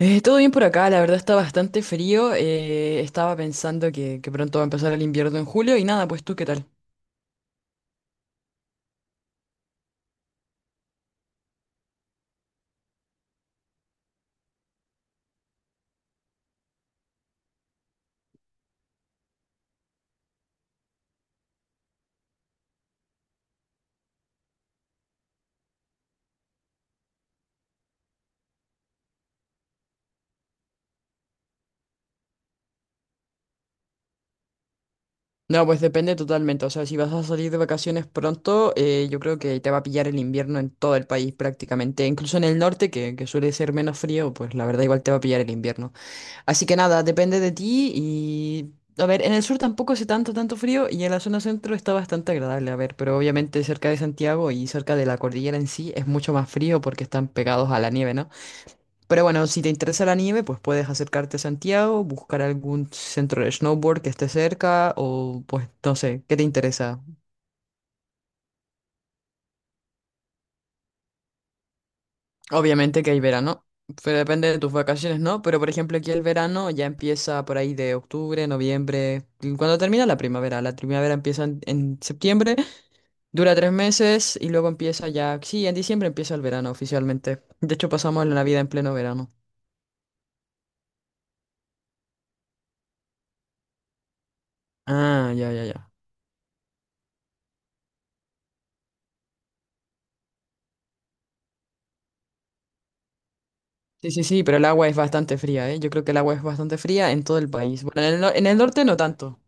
Todo bien por acá, la verdad está bastante frío. Estaba pensando que pronto va a empezar el invierno en julio y nada, pues tú, ¿qué tal? No, pues depende totalmente. O sea, si vas a salir de vacaciones pronto, yo creo que te va a pillar el invierno en todo el país prácticamente. Incluso en el norte, que suele ser menos frío, pues la verdad igual te va a pillar el invierno. Así que nada, depende de ti y... A ver, en el sur tampoco hace tanto frío y en la zona centro está bastante agradable, a ver, pero obviamente cerca de Santiago y cerca de la cordillera en sí es mucho más frío porque están pegados a la nieve, ¿no? Pero bueno, si te interesa el anime, pues puedes acercarte a Santiago, buscar algún centro de snowboard que esté cerca o pues no sé, ¿qué te interesa? Obviamente que hay verano, pero depende de tus vacaciones, ¿no? Pero por ejemplo aquí el verano ya empieza por ahí de octubre, noviembre, y cuando termina la primavera. La primavera empieza en septiembre, dura tres meses y luego empieza ya, sí, en diciembre empieza el verano oficialmente. De hecho pasamos la Navidad en pleno verano. Ah, ya, ya, ya. Sí, sí, sí, pero el agua es bastante fría, ¿eh? Yo creo que el agua es bastante fría en todo el país. Bueno, en el, en el norte no tanto.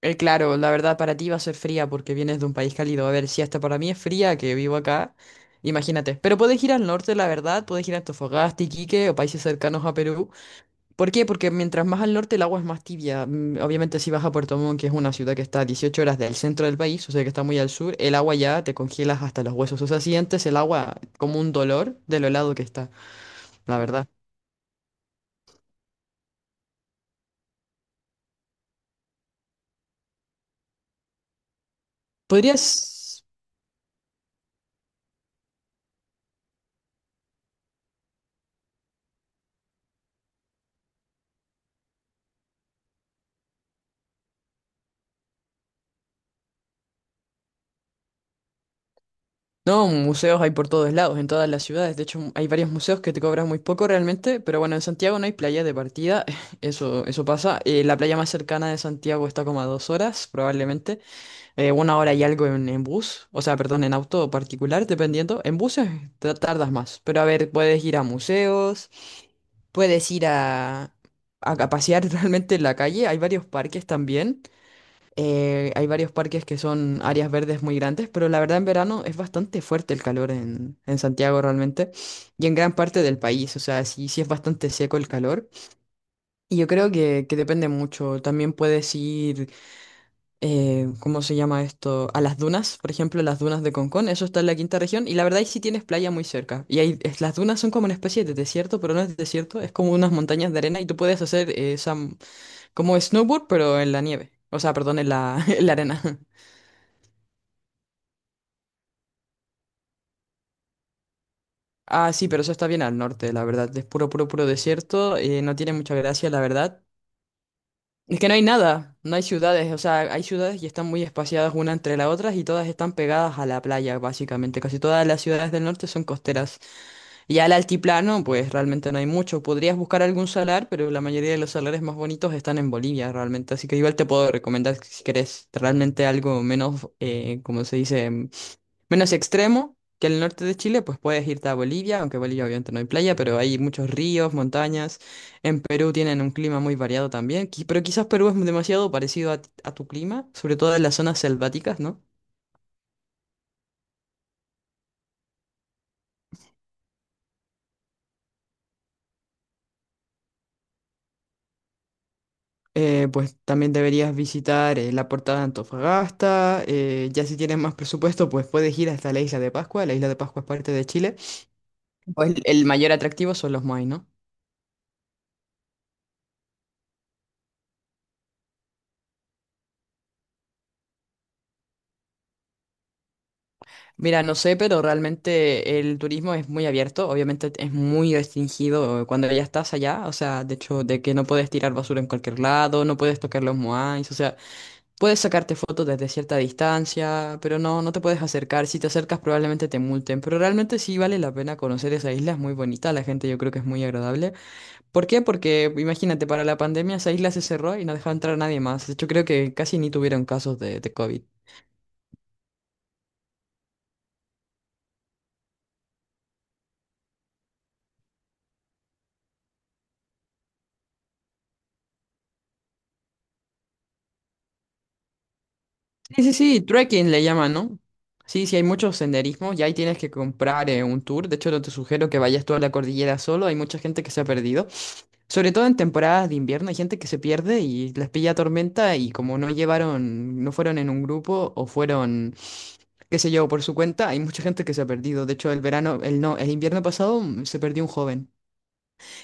Claro, la verdad para ti va a ser fría porque vienes de un país cálido. A ver, si hasta para mí es fría que vivo acá, imagínate. Pero puedes ir al norte, la verdad, puedes ir a Antofagasta, Iquique o países cercanos a Perú. ¿Por qué? Porque mientras más al norte el agua es más tibia. Mm, obviamente si vas a Puerto Montt, que es una ciudad que está a 18 horas del centro del país, o sea que está muy al sur, el agua ya te congelas hasta los huesos. O sea, sientes el agua como un dolor de lo helado que está, la verdad. Podrías... No, museos hay por todos lados, en todas las ciudades. De hecho, hay varios museos que te cobran muy poco realmente, pero bueno, en Santiago no hay playa de partida, eso pasa. La playa más cercana de Santiago está como a dos horas, probablemente. Una hora y algo en bus, o sea, perdón, en auto particular, dependiendo. En buses tardas más, pero a ver, puedes ir a museos, puedes ir a pasear realmente en la calle. Hay varios parques también. Hay varios parques que son áreas verdes muy grandes, pero la verdad en verano es bastante fuerte el calor en Santiago realmente y en gran parte del país, o sea, sí, sí es bastante seco el calor y yo creo que depende mucho. También puedes ir, ¿cómo se llama esto? A las dunas, por ejemplo, las dunas de Concón, eso está en la quinta región y la verdad ahí sí tienes playa muy cerca y ahí las dunas son como una especie de desierto, pero no es desierto, es como unas montañas de arena y tú puedes hacer como snowboard, pero en la nieve, o sea, perdón, en la, en la arena. Ah, sí, pero eso está bien al norte, la verdad. Es puro, puro, puro desierto. No tiene mucha gracia, la verdad. Es que no hay nada, no hay ciudades. O sea, hay ciudades y están muy espaciadas una entre las otras y todas están pegadas a la playa, básicamente. Casi todas las ciudades del norte son costeras. Y al altiplano, pues realmente no hay mucho. Podrías buscar algún salar, pero la mayoría de los salares más bonitos están en Bolivia, realmente. Así que igual te puedo recomendar, si querés, realmente algo menos, como se dice? Menos extremo que el norte de Chile, pues puedes irte a Bolivia, aunque Bolivia obviamente no hay playa, pero hay muchos ríos, montañas. En Perú tienen un clima muy variado también, pero quizás Perú es demasiado parecido a tu clima, sobre todo en las zonas selváticas, ¿no? Pues también deberías visitar la Portada de Antofagasta, ya si tienes más presupuesto, pues puedes ir hasta la Isla de Pascua, la Isla de Pascua es parte de Chile. Pues el mayor atractivo son los moai, ¿no? Mira, no sé, pero realmente el turismo es muy abierto, obviamente es muy restringido cuando ya estás allá, o sea, de hecho, de que no puedes tirar basura en cualquier lado, no puedes tocar los moais, o sea, puedes sacarte fotos desde cierta distancia, pero no, no te puedes acercar, si te acercas probablemente te multen, pero realmente sí vale la pena conocer esa isla, es muy bonita, la gente yo creo que es muy agradable. ¿Por qué? Porque imagínate, para la pandemia esa isla se cerró y no dejaba entrar a nadie más, de hecho creo que casi ni tuvieron casos de COVID. Sí, sí, sí, trekking le llaman, ¿no? Sí, sí, hay muchos senderismos y ahí tienes que comprar un tour. De hecho, no te sugiero que vayas toda la cordillera solo. Hay mucha gente que se ha perdido. Sobre todo en temporadas de invierno hay gente que se pierde y les pilla tormenta y como no llevaron, no fueron en un grupo o fueron, qué sé yo, por su cuenta, hay mucha gente que se ha perdido. De hecho, el verano, el no, el invierno pasado se perdió un joven.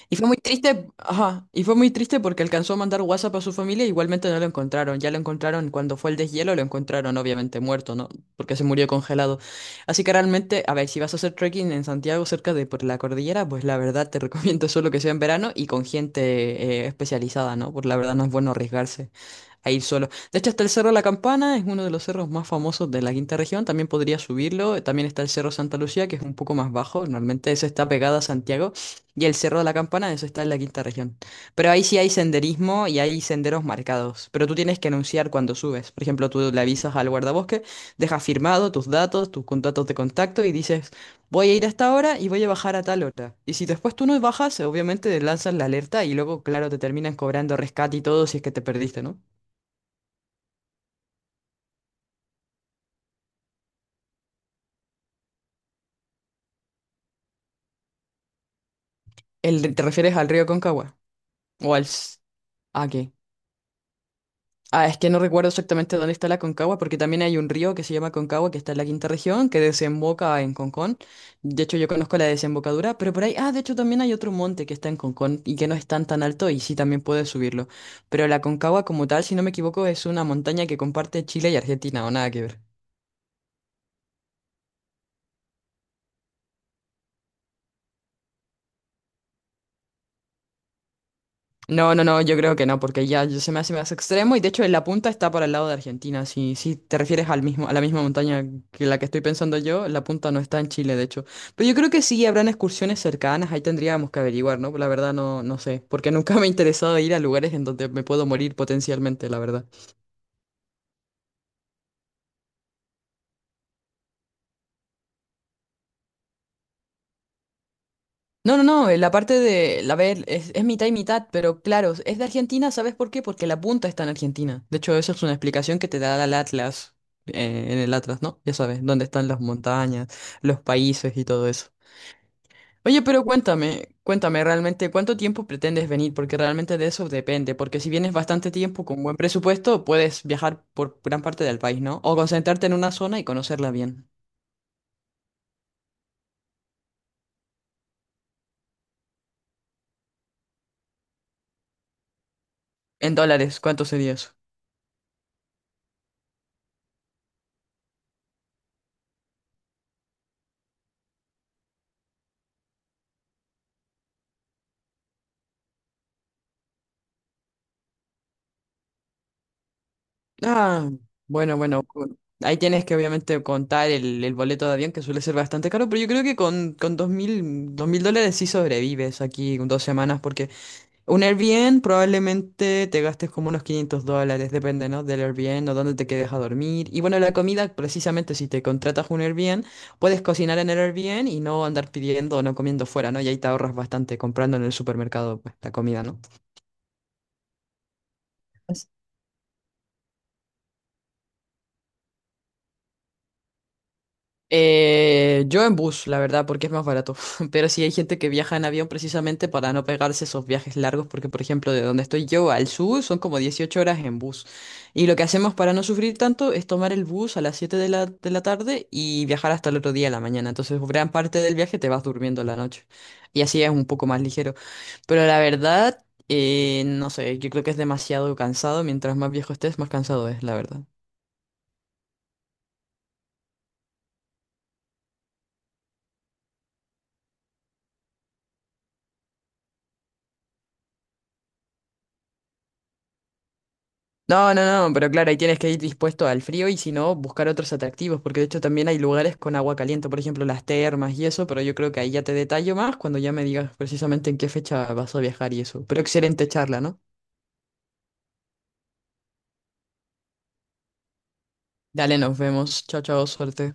Y fue muy triste, ajá, y fue muy triste porque alcanzó a mandar WhatsApp a su familia, igualmente no lo encontraron. Ya lo encontraron cuando fue el deshielo, lo encontraron obviamente muerto, ¿no? Porque se murió congelado. Así que realmente, a ver, si vas a hacer trekking en Santiago cerca de por la cordillera, pues la verdad te recomiendo solo que sea en verano y con gente especializada, ¿no? Porque la verdad no es bueno arriesgarse a ir solo. De hecho, está el Cerro La Campana, es uno de los cerros más famosos de la quinta región, también podría subirlo. También está el Cerro Santa Lucía, que es un poco más bajo, normalmente ese está pegado a Santiago. Y el Cerro de la Campana, eso está en la quinta región. Pero ahí sí hay senderismo y hay senderos marcados. Pero tú tienes que anunciar cuando subes. Por ejemplo, tú le avisas al guardabosque, dejas firmado tus datos, tus contactos de contacto y dices, voy a ir a esta hora y voy a bajar a tal hora. Y si después tú no bajas, obviamente te lanzas la alerta y luego, claro, te terminan cobrando rescate y todo si es que te perdiste, ¿no? El, ¿te refieres al río Concagua? ¿O al... s- Ah, ok. Ah, es que no recuerdo exactamente dónde está la Concagua, porque también hay un río que se llama Concagua, que está en la quinta región, que desemboca en Concón. De hecho, yo conozco la desembocadura, pero por ahí, ah, de hecho también hay otro monte que está en Concón y que no es tan tan alto y sí también puedes subirlo. Pero la Concagua como tal, si no me equivoco, es una montaña que comparte Chile y Argentina, o nada que ver. No, no, no, yo creo que no, porque ya se me hace más extremo y de hecho en la punta está para el lado de Argentina. Si, si te refieres al mismo, a la misma montaña que la que estoy pensando yo, la punta no está en Chile, de hecho. Pero yo creo que sí habrán excursiones cercanas, ahí tendríamos que averiguar, ¿no? La verdad no, no sé, porque nunca me ha interesado ir a lugares en donde me puedo morir potencialmente, la verdad. No, no, no, la parte de, la ver, es mitad y mitad, pero claro, es de Argentina, ¿sabes por qué? Porque la punta está en Argentina. De hecho, esa es una explicación que te da el Atlas, en el Atlas, ¿no? Ya sabes, dónde están las montañas, los países y todo eso. Oye, pero cuéntame, cuéntame realmente, ¿cuánto tiempo pretendes venir? Porque realmente de eso depende, porque si vienes bastante tiempo con buen presupuesto, puedes viajar por gran parte del país, ¿no? O concentrarte en una zona y conocerla bien. En dólares, ¿cuánto sería eso? Ah, bueno, bueno. cu- Ahí tienes que obviamente contar el boleto de avión que suele ser bastante caro, pero yo creo que con dos mil dólares sí sobrevives aquí con dos semanas, porque un Airbnb probablemente te gastes como unos $500, depende, ¿no? Del Airbnb o dónde te quedes a dormir. Y bueno, la comida, precisamente si te contratas un Airbnb, puedes cocinar en el Airbnb y no andar pidiendo o no comiendo fuera, ¿no? Y ahí te ahorras bastante comprando en el supermercado, pues, la comida, ¿no? Yo en bus, la verdad, porque es más barato. Pero sí hay gente que viaja en avión precisamente para no pegarse esos viajes largos, porque por ejemplo, de donde estoy yo al sur son como 18 horas en bus. Y lo que hacemos para no sufrir tanto es tomar el bus a las 7 de la tarde y viajar hasta el otro día de la mañana. Entonces, gran parte del viaje te vas durmiendo la noche. Y así es un poco más ligero. Pero la verdad, no sé, yo creo que es demasiado cansado. Mientras más viejo estés, más cansado es, la verdad. No, no, no, pero claro, ahí tienes que ir dispuesto al frío y si no, buscar otros atractivos, porque de hecho también hay lugares con agua caliente, por ejemplo, las termas y eso, pero yo creo que ahí ya te detallo más cuando ya me digas precisamente en qué fecha vas a viajar y eso. Pero excelente charla, ¿no? Dale, nos vemos. Chao, chao, suerte.